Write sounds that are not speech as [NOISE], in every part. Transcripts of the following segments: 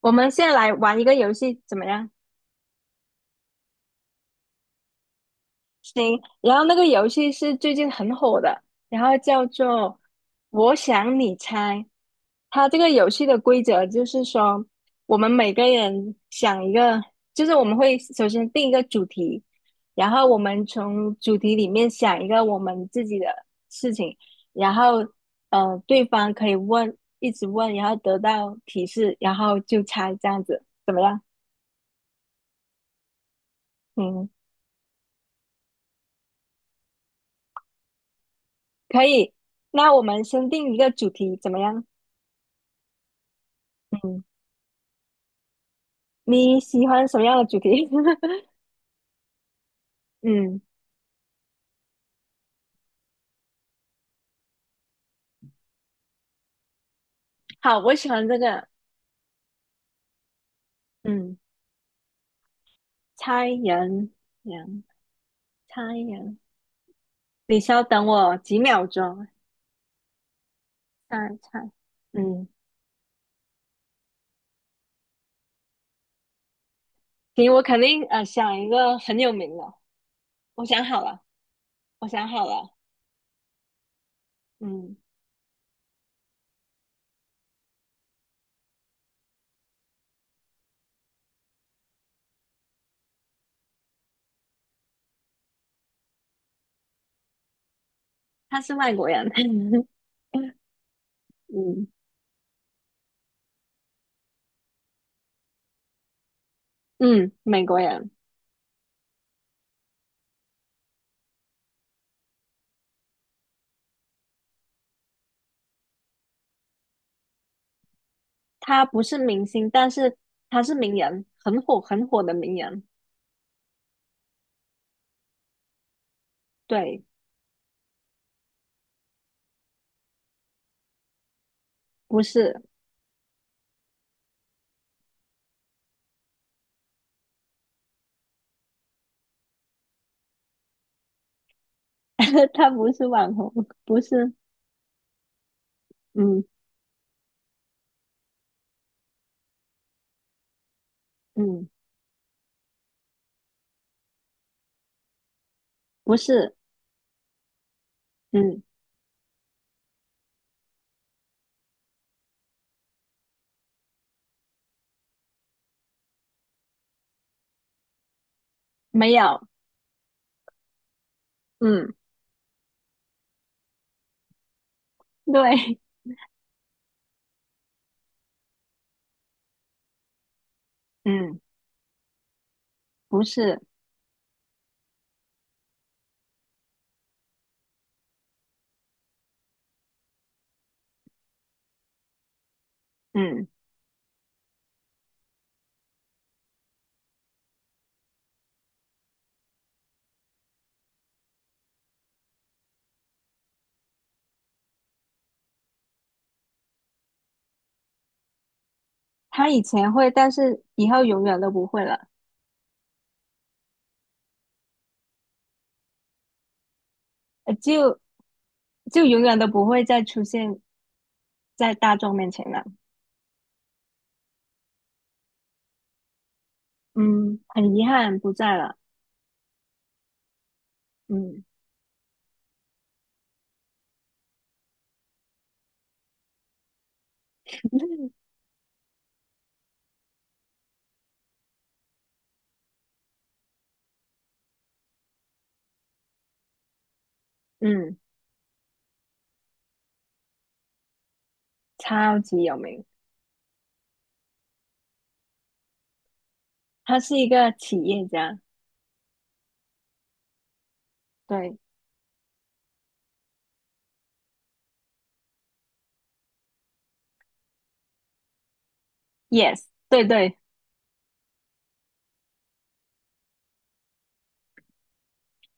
我们现在来玩一个游戏，怎么样？行，然后那个游戏是最近很火的，然后叫做“我想你猜”。它这个游戏的规则就是说，我们每个人想一个，就是我们会首先定一个主题，然后我们从主题里面想一个我们自己的事情，然后对方可以问，一直问，然后得到提示，然后就猜这样子，怎么样？嗯。可以，那我们先定一个主题怎么样？嗯，你喜欢什么样的主题？[LAUGHS] 嗯，好，我喜欢这个。嗯，猜人，人，猜人。你稍等我几秒钟，猜猜。嗯，行，我肯定想一个很有名的。我想好了，我想好了。嗯，他是外国人。[LAUGHS] 嗯。嗯，美国人。他不是明星，但是他是名人，很火很火的名人。对。不是。[LAUGHS] 他不是网红，不是。嗯。嗯，不是。嗯，没有。嗯，对。嗯，不是。嗯，他以前会，但是以后永远都不会了，呃就就永远都不会再出现在大众面前了。嗯，很遗憾不在了。嗯。 [LAUGHS] 嗯，超级有名，他是一个企业家。对，yes，对对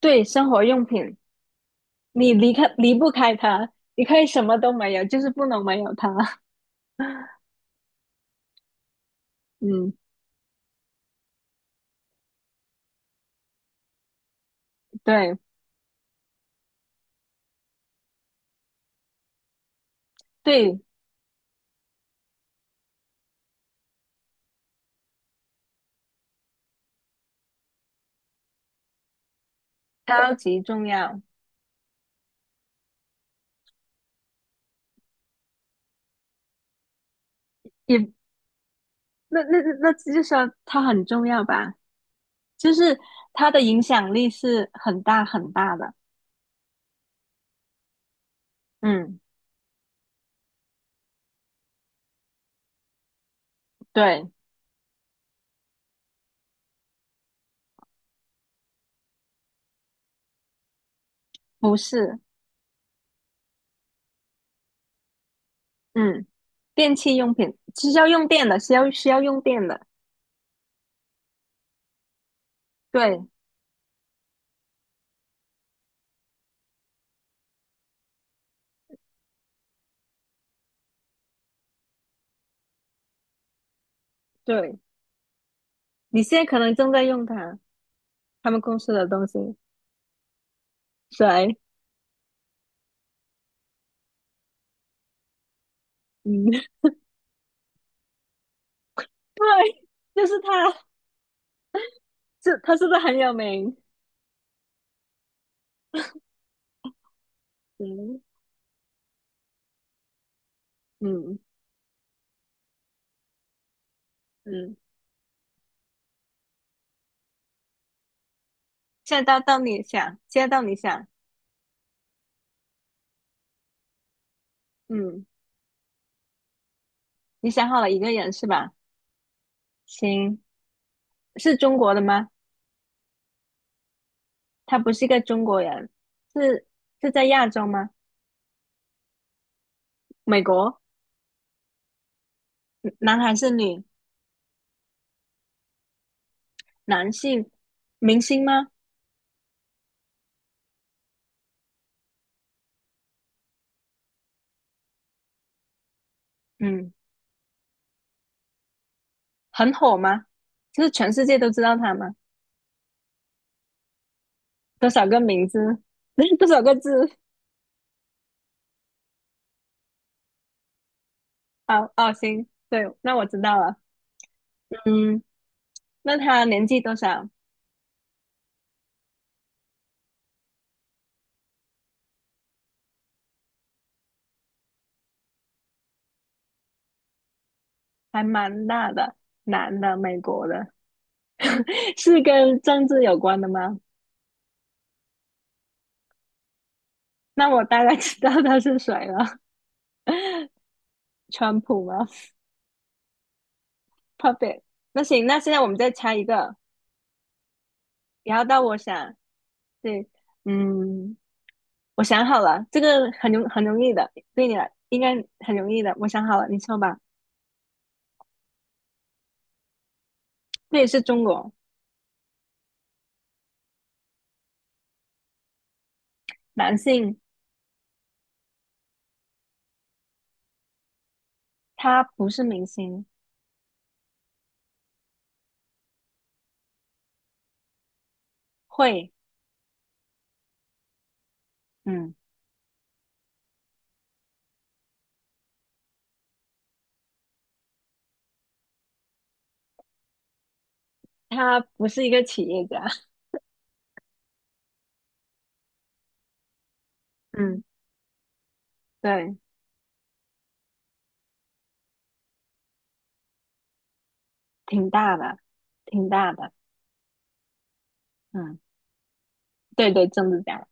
对，生活用品，你离不开他，你可以什么都没有，就是不能没有他。[LAUGHS] 嗯，对对，超级重要，也那那那那就说他很重要吧，就是他的影响力是很大很大的。嗯，对，不是。嗯，电器用品是要用电的，需要用电的。对对，你现在可能正在用它，他们公司的东西。谁？嗯。[LAUGHS] 对，就是他。是他是不是很有名？嗯。嗯。嗯，现在到你想，现在到你想。嗯，你想好了一个人是吧？行，是中国的吗？他不是一个中国人。是是在亚洲吗？美国。嗯，男还是女？男性。明星吗？嗯，很火吗？就是全世界都知道他吗？多少个名字？[LAUGHS] 多少个字？哦哦，行，对，那我知道了。嗯，那他年纪多少？还蛮大的，男的，美国的。[LAUGHS] 是跟政治有关的吗？那我大概知道他是谁了，川普吗？Puppet。那行，那现在我们再猜一个，然后到我想。对。嗯，我想好了，这个很容易的，对你来应该很容易的，我想好了，你说吧。这也是中国男性，他不是明星。会。嗯，他不是一个企业家。嗯，[LAUGHS] 对，挺大的，挺大的。嗯，对对，政治家。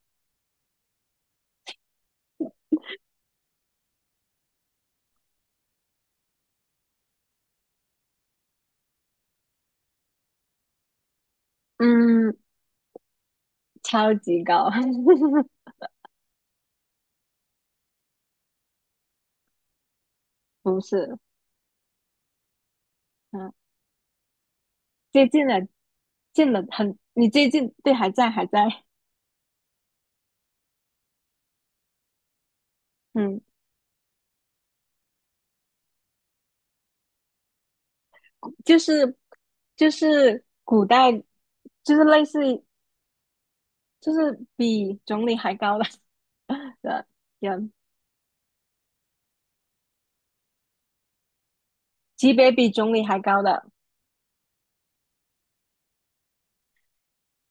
嗯，超级高。[LAUGHS] 不是。嗯，接近了，近了很，你接近，对，还在，还在。嗯，就是就是古代，就是类似于，就是比总理还高的 [LAUGHS] 的人，级别比总理还高的。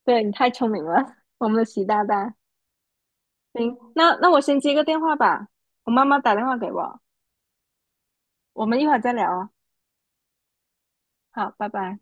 对，你太聪明了。[LAUGHS] 我们的习大大。行，那那我先接个电话吧，我妈妈打电话给我，我们一会儿再聊啊。好，拜拜。